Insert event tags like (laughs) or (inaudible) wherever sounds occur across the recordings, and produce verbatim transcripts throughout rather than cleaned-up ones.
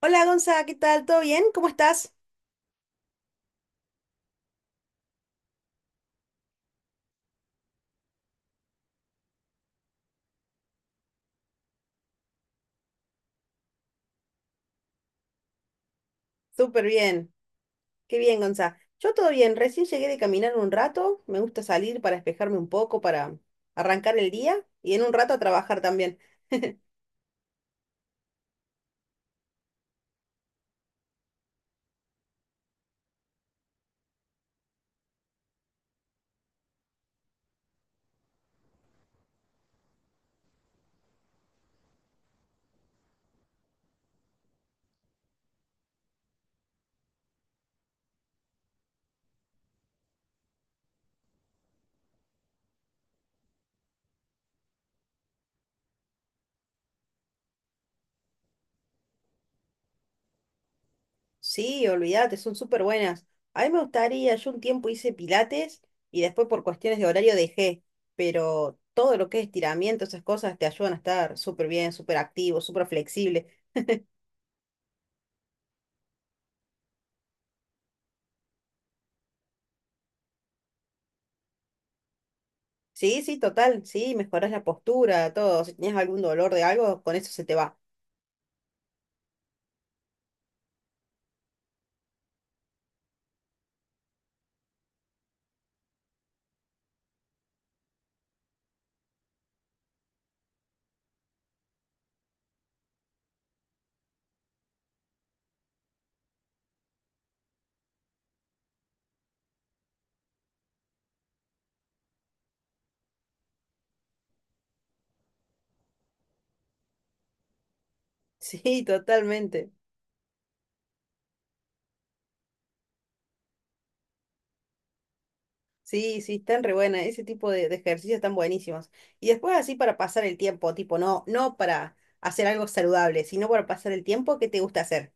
Hola Gonza, ¿qué tal? ¿Todo bien? ¿Cómo estás? Súper bien. Qué bien, Gonza. Yo todo bien. Recién llegué de caminar un rato. Me gusta salir para despejarme un poco, para arrancar el día y en un rato a trabajar también. Sí, olvídate, son súper buenas. A mí me gustaría, yo un tiempo hice pilates y después por cuestiones de horario dejé, pero todo lo que es estiramiento, esas cosas te ayudan a estar súper bien, súper activo, súper flexible. Sí, sí, total. Sí, mejoras la postura, todo. Si tenías algún dolor de algo, con eso se te va. Sí, totalmente. Sí, sí, están re buenas. Ese tipo de, de ejercicios están buenísimos. Y después así para pasar el tiempo, tipo, no, no para hacer algo saludable, sino para pasar el tiempo, ¿qué te gusta hacer?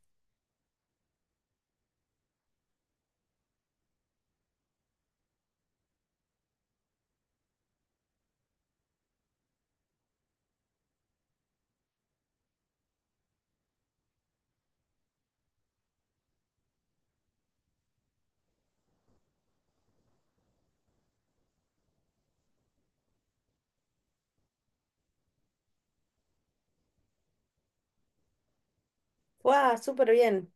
¡Wow! Súper bien.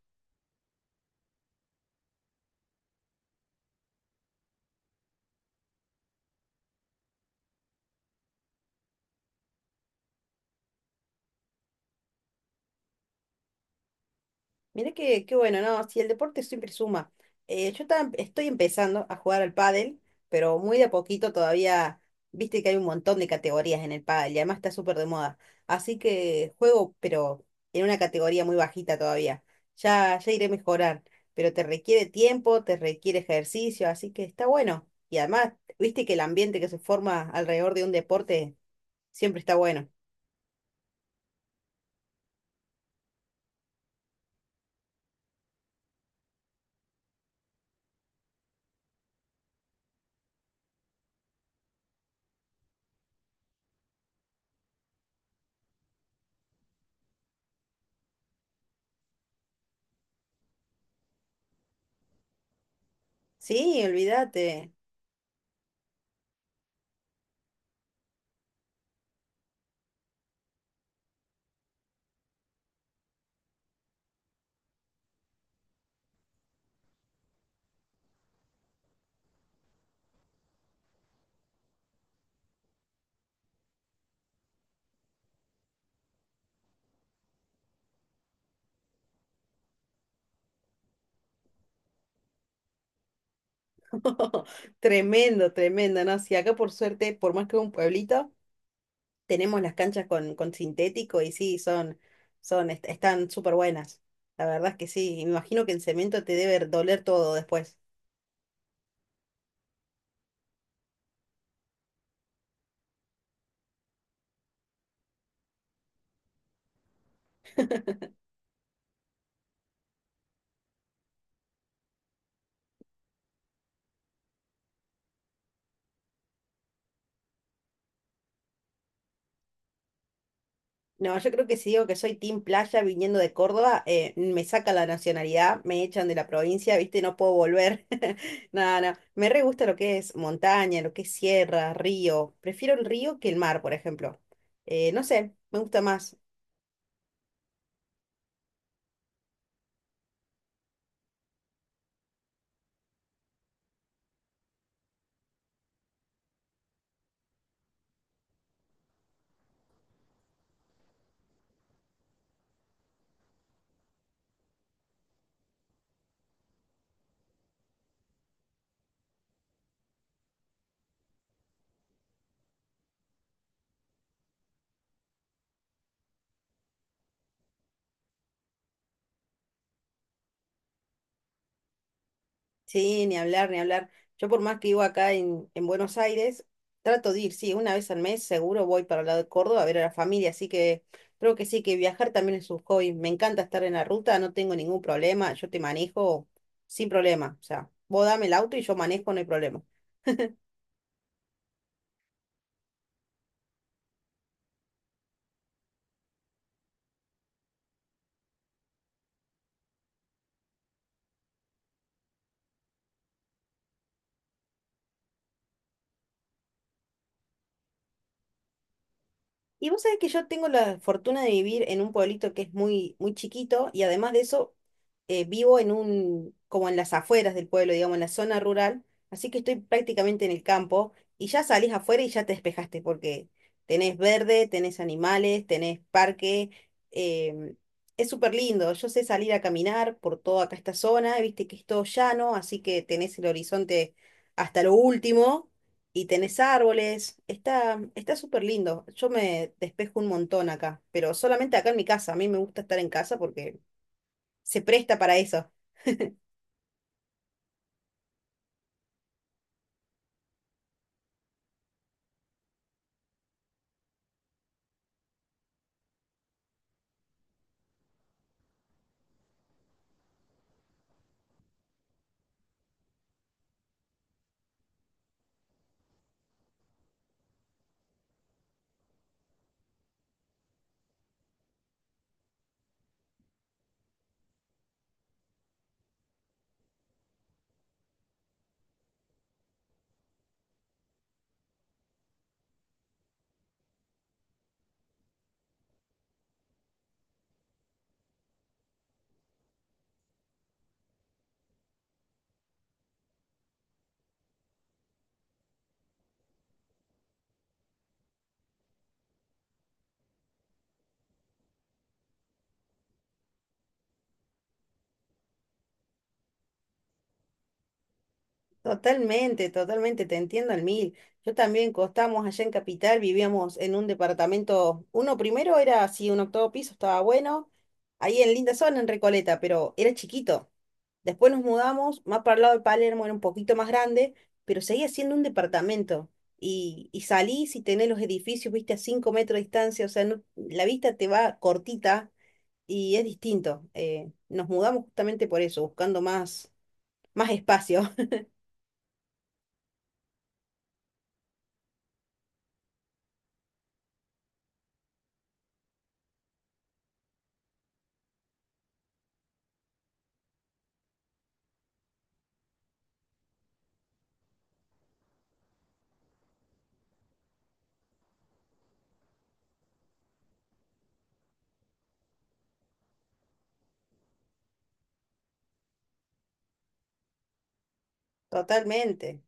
Mira que, qué bueno, ¿no? Si el deporte siempre suma. Eh, yo tam- estoy empezando a jugar al pádel, pero muy de a poquito todavía, viste que hay un montón de categorías en el pádel y además está súper de moda. Así que juego, pero en una categoría muy bajita todavía. Ya, ya iré a mejorar, pero te requiere tiempo, te requiere ejercicio, así que está bueno. Y además, viste que el ambiente que se forma alrededor de un deporte siempre está bueno. Sí, olvídate. (laughs) Tremendo, tremendo, ¿no? Sí, acá por suerte, por más que un pueblito, tenemos las canchas con, con sintético y sí, son, son, est- están súper buenas. La verdad es que sí, me imagino que en cemento te debe doler todo después. No, yo creo que si digo que soy team playa viniendo de Córdoba, eh, me saca la nacionalidad, me echan de la provincia, ¿viste? No puedo volver. (laughs) No, no, me re gusta lo que es montaña, lo que es sierra, río. Prefiero el río que el mar, por ejemplo. Eh, no sé, me gusta más. Sí, ni hablar, ni hablar. Yo por más que vivo acá en, en Buenos Aires, trato de ir, sí, una vez al mes seguro voy para el lado de Córdoba a ver a la familia, así que creo que sí, que viajar también es un hobby. Me encanta estar en la ruta, no tengo ningún problema, yo te manejo sin problema. O sea, vos dame el auto y yo manejo, no hay problema. Y vos sabés que yo tengo la fortuna de vivir en un pueblito que es muy, muy chiquito y además de eso eh, vivo en un, como en las afueras del pueblo, digamos, en la zona rural, así que estoy prácticamente en el campo y ya salís afuera y ya te despejaste porque tenés verde, tenés animales, tenés parque. em, es súper lindo. Yo sé salir a caminar por toda acá esta zona, viste que es todo llano, así que tenés el horizonte hasta lo último y tenés árboles, está, está súper lindo. Yo me despejo un montón acá, pero solamente acá en mi casa. A mí me gusta estar en casa porque se presta para eso. Totalmente, totalmente, te entiendo al mil. Yo también costamos allá en Capital, vivíamos en un departamento, uno primero era así, un octavo piso, estaba bueno, ahí en linda zona, en Recoleta, pero era chiquito. Después nos mudamos, más para el lado de Palermo, era un poquito más grande, pero seguía siendo un departamento. Y, y salís y tenés los edificios, viste, a cinco metros de distancia, o sea, no- la vista te va cortita y es distinto. Eh, nos mudamos justamente por eso, buscando más, más espacio. (laughs) Totalmente.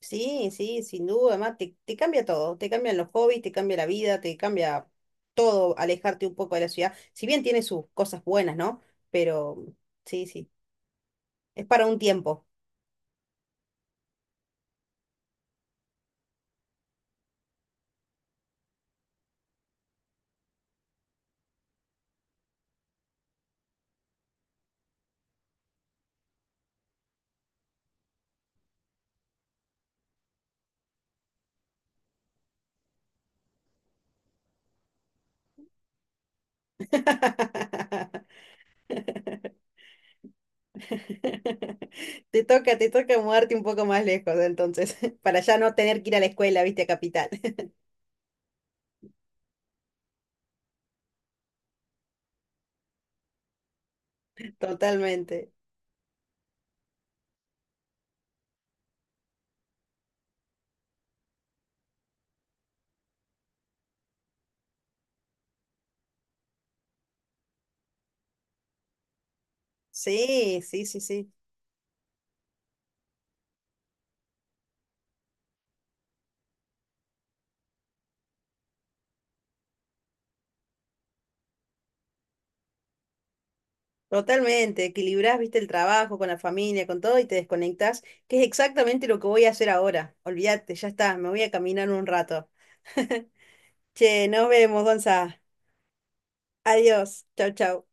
Sí, sí, sin duda, además te, te cambia todo, te cambian los hobbies, te cambia la vida, te cambia todo, alejarte un poco de la ciudad, si bien tiene sus cosas buenas, ¿no? Pero sí, sí, es para un tiempo. (laughs) Te toca, te toca mudarte un poco más lejos, entonces, (laughs) para ya no tener que ir a la escuela, viste, a capital. (laughs) Totalmente. Sí, sí, sí, sí. Totalmente, equilibrás, viste, el trabajo con la familia, con todo y te desconectás, que es exactamente lo que voy a hacer ahora. Olvídate, ya está, me voy a caminar un rato. (laughs) Che, nos vemos, Gonza. Adiós, chau, chau.